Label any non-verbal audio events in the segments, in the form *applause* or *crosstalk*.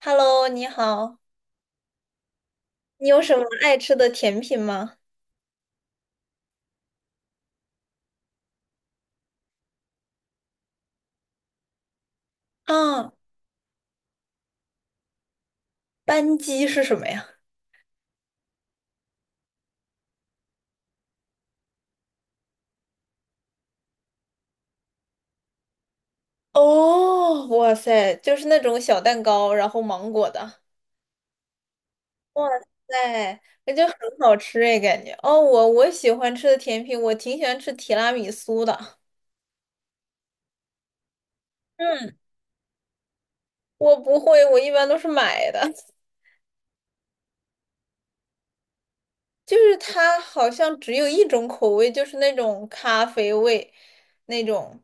Hello，你好，你有什么爱吃的甜品吗？啊，班戟是什么呀？哦，哇塞，就是那种小蛋糕，然后芒果的。哇塞，那就很好吃哎，感觉。哦，我喜欢吃的甜品，我挺喜欢吃提拉米苏的。嗯，我不会，我一般都是买的。*laughs* 就是它好像只有一种口味，就是那种咖啡味，那种。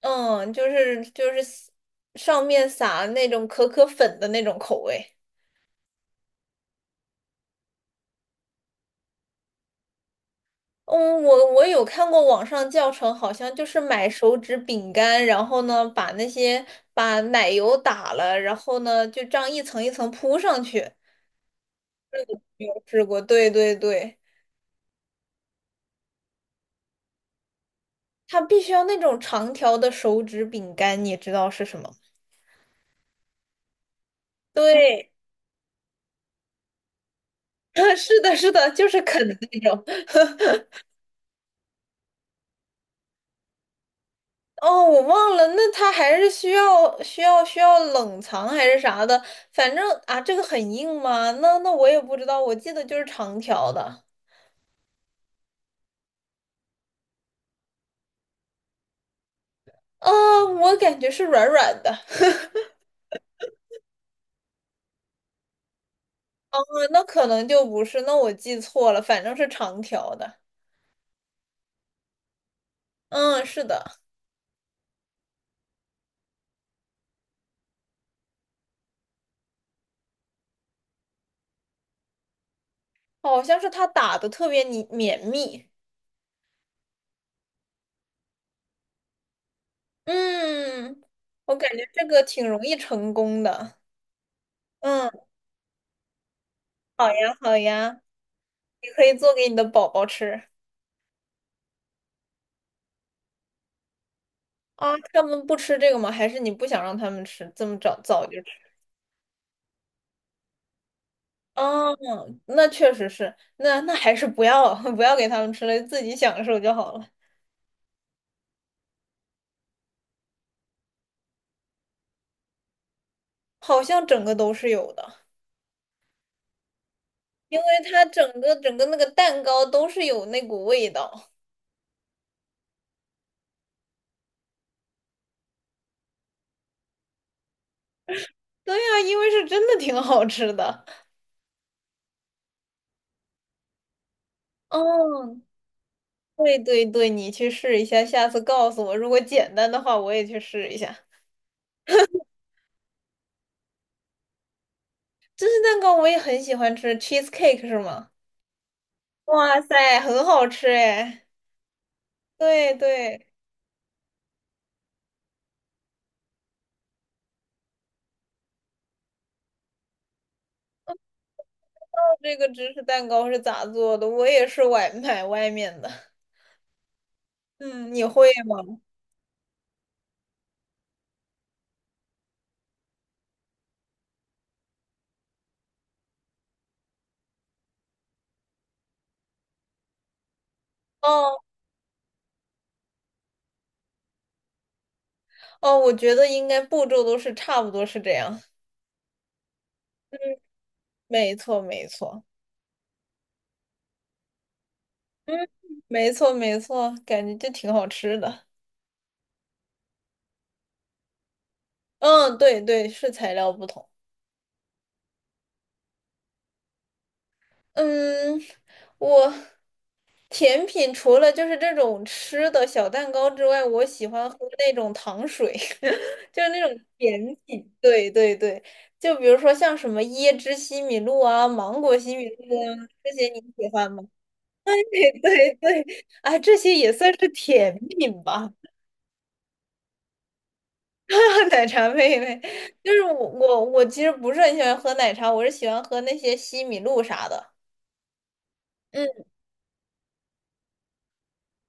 嗯，就是上面撒那种可可粉的那种口味。嗯，我有看过网上教程，好像就是买手指饼干，然后呢把那些把奶油打了，然后呢就这样一层一层铺上去。有试过，对对对，它必须要那种长条的手指饼干，你知道是什么？对，*laughs* 是的，是的，就是啃的那种。哦，我忘了，那它还是需要冷藏还是啥的，反正啊，这个很硬吗？那我也不知道，我记得就是长条的，啊，我感觉是软软的，*laughs* 嗯，那可能就不是，那我记错了，反正是长条的，嗯，是的，好像是它打的特别你绵密，嗯，我感觉这个挺容易成功的，嗯，好呀好呀，你可以做给你的宝宝吃。啊，他们不吃这个吗？还是你不想让他们吃，这么早早就吃？哦，那确实是，那还是不要 *laughs* 不要给他们吃了，自己享受就好了。好像整个都是有的，因为它整个那个蛋糕都是有那股味道。对呀，因为是真的挺好吃的。哦，对对对，你去试一下，下次告诉我，如果简单的话，我也去试一下。芝士蛋糕我也很喜欢吃，cheesecake 是吗？哇塞，很好吃哎。对对。这个芝士蛋糕是咋做的？我也是外买外面的。嗯，你会吗？哦哦，我觉得应该步骤都是差不多是这样。嗯，没错没错，嗯，没错没错，感觉就挺好吃的。嗯，对对，是材料不同。嗯，我甜品除了就是这种吃的小蛋糕之外，我喜欢喝那种糖水，*laughs* 就是那种甜品。对对对，就比如说像什么椰汁西米露啊、芒果西米露啊，这些你喜欢吗？*laughs* 对对对，啊，这些也算是甜品吧。*laughs* 奶茶妹妹，就是我其实不是很喜欢喝奶茶，我是喜欢喝那些西米露啥的。嗯，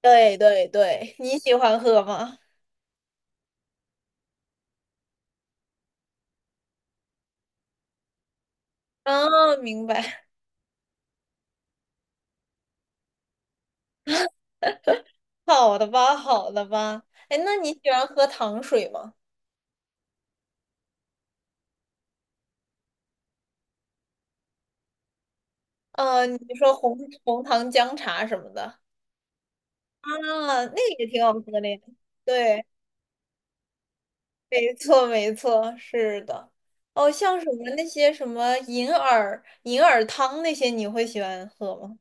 对对对，你喜欢喝吗？啊，明白。*laughs* 好的吧，好的吧。哎，那你喜欢喝糖水吗？啊，你说红糖姜茶什么的啊，那个也挺好喝的呀。对，没错，没错，是的。哦，像什么那些什么银耳汤那些，你会喜欢喝吗？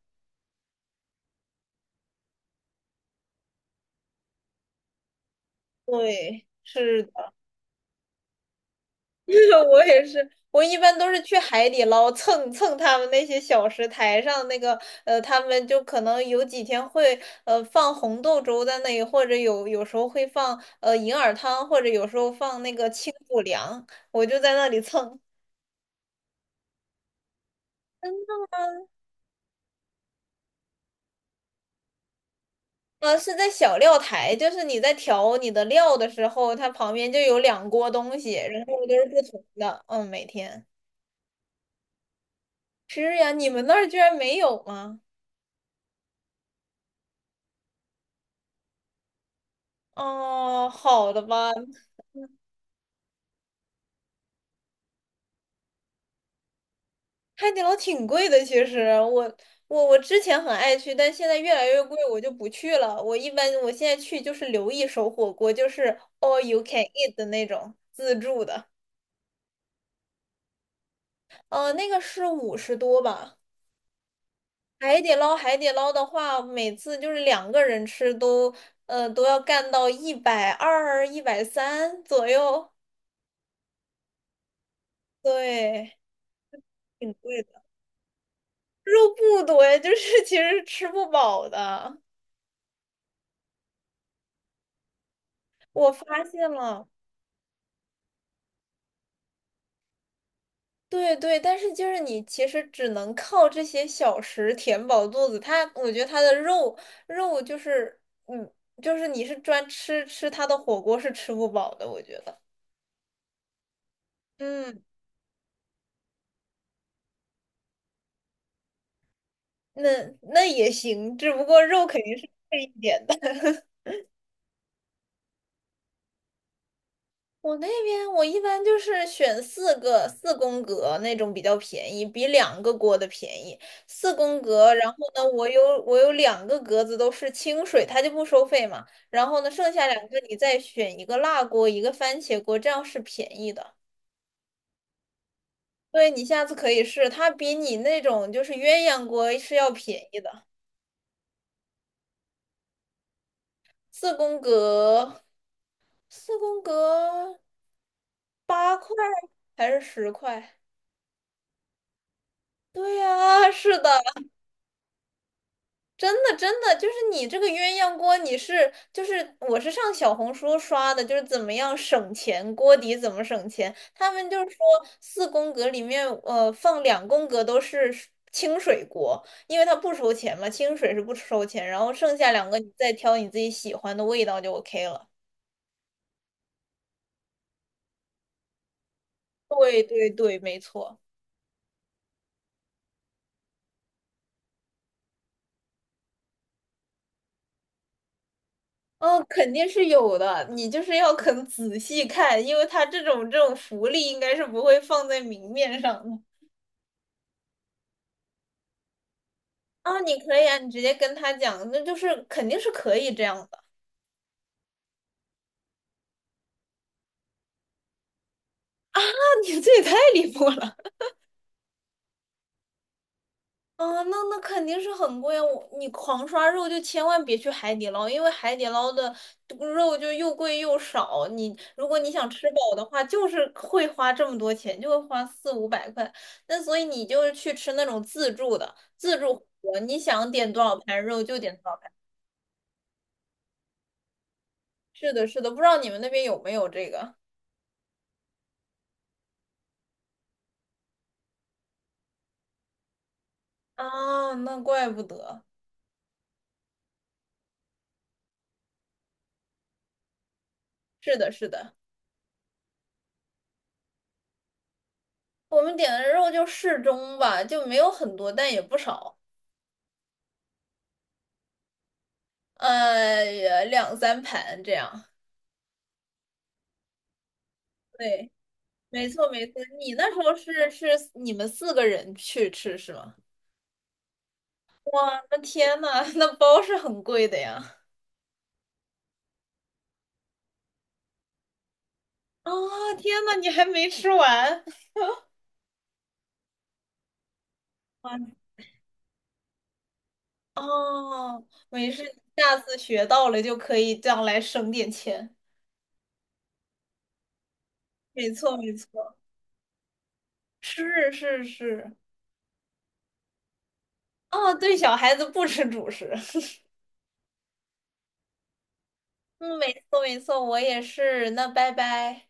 对，是。*laughs* 我也是，我一般都是去海底捞蹭蹭他们那些小食台上那个，他们就可能有几天会放红豆粥在那里，或者有时候会放银耳汤，或者有时候放那个清补凉，我就在那里蹭。是在小料台，就是你在调你的料的时候，它旁边就有两锅东西，然后都是不同的，嗯，每天是呀。你们那儿居然没有吗？哦，好的吧，海底捞挺贵的，其实我之前很爱去，但现在越来越贵，我就不去了。我一般我现在去就是留一手火锅，就是 all you can eat 的那种自助的，那个是50多吧。海底捞的话，每次就是两个人吃都要干到120、130左右，对，挺贵的。肉不多呀，就是 *laughs* 其实吃不饱的。我发现了。对对，但是就是你其实只能靠这些小食填饱肚子。它，我觉得它的肉就是，嗯，就是你是专吃它的火锅是吃不饱的，我觉得。嗯，那那也行，只不过肉肯定是贵一点的。我那边我一般就是选四个四宫格那种比较便宜，比两个锅的便宜。四宫格，然后呢，我有两个格子都是清水，它就不收费嘛。然后呢，剩下两个你再选一个辣锅，一个番茄锅，这样是便宜的。对，你下次可以试，它比你那种就是鸳鸯锅是要便宜的。四宫格，四宫格8块还是10块？对呀，是的，真的，真的，就是你这个鸳鸯锅，你是就是我是上小红书刷的，就是怎么样省钱，锅底怎么省钱。他们就是说四宫格里面，放两宫格都是清水锅，因为它不收钱嘛，清水是不收钱，然后剩下两个你再挑你自己喜欢的味道就 OK 了。对对对，没错。哦，肯定是有的，你就是要肯仔细看，因为它这种福利应该是不会放在明面上的。啊，你可以啊，你直接跟他讲，那就是肯定是可以这样的。*laughs* 啊，你这也太离谱了。*laughs* 啊，那肯定是很贵啊！你狂刷肉就千万别去海底捞，因为海底捞的肉就又贵又少。如果你想吃饱的话，就是会花这么多钱，就会花4、500块。那所以你就是去吃那种自助火锅，你想点多少盘肉就点多少盘。是的，是的，不知道你们那边有没有这个啊？那怪不得。是的，是的。我们点的肉就适中吧，就没有很多，但也不少，呀，2、3盘这样。对，没错没错。你那时候是你们四个人去吃是吗？那天呐，*laughs* 那包是很贵的呀。啊、天呐，你还没吃完啊。哦，没事，下次学到了就可以将来省点钱。没错，没错，是是是。哦，对，小孩子不吃主食。*laughs* 嗯，没错没错，我也是。那拜拜。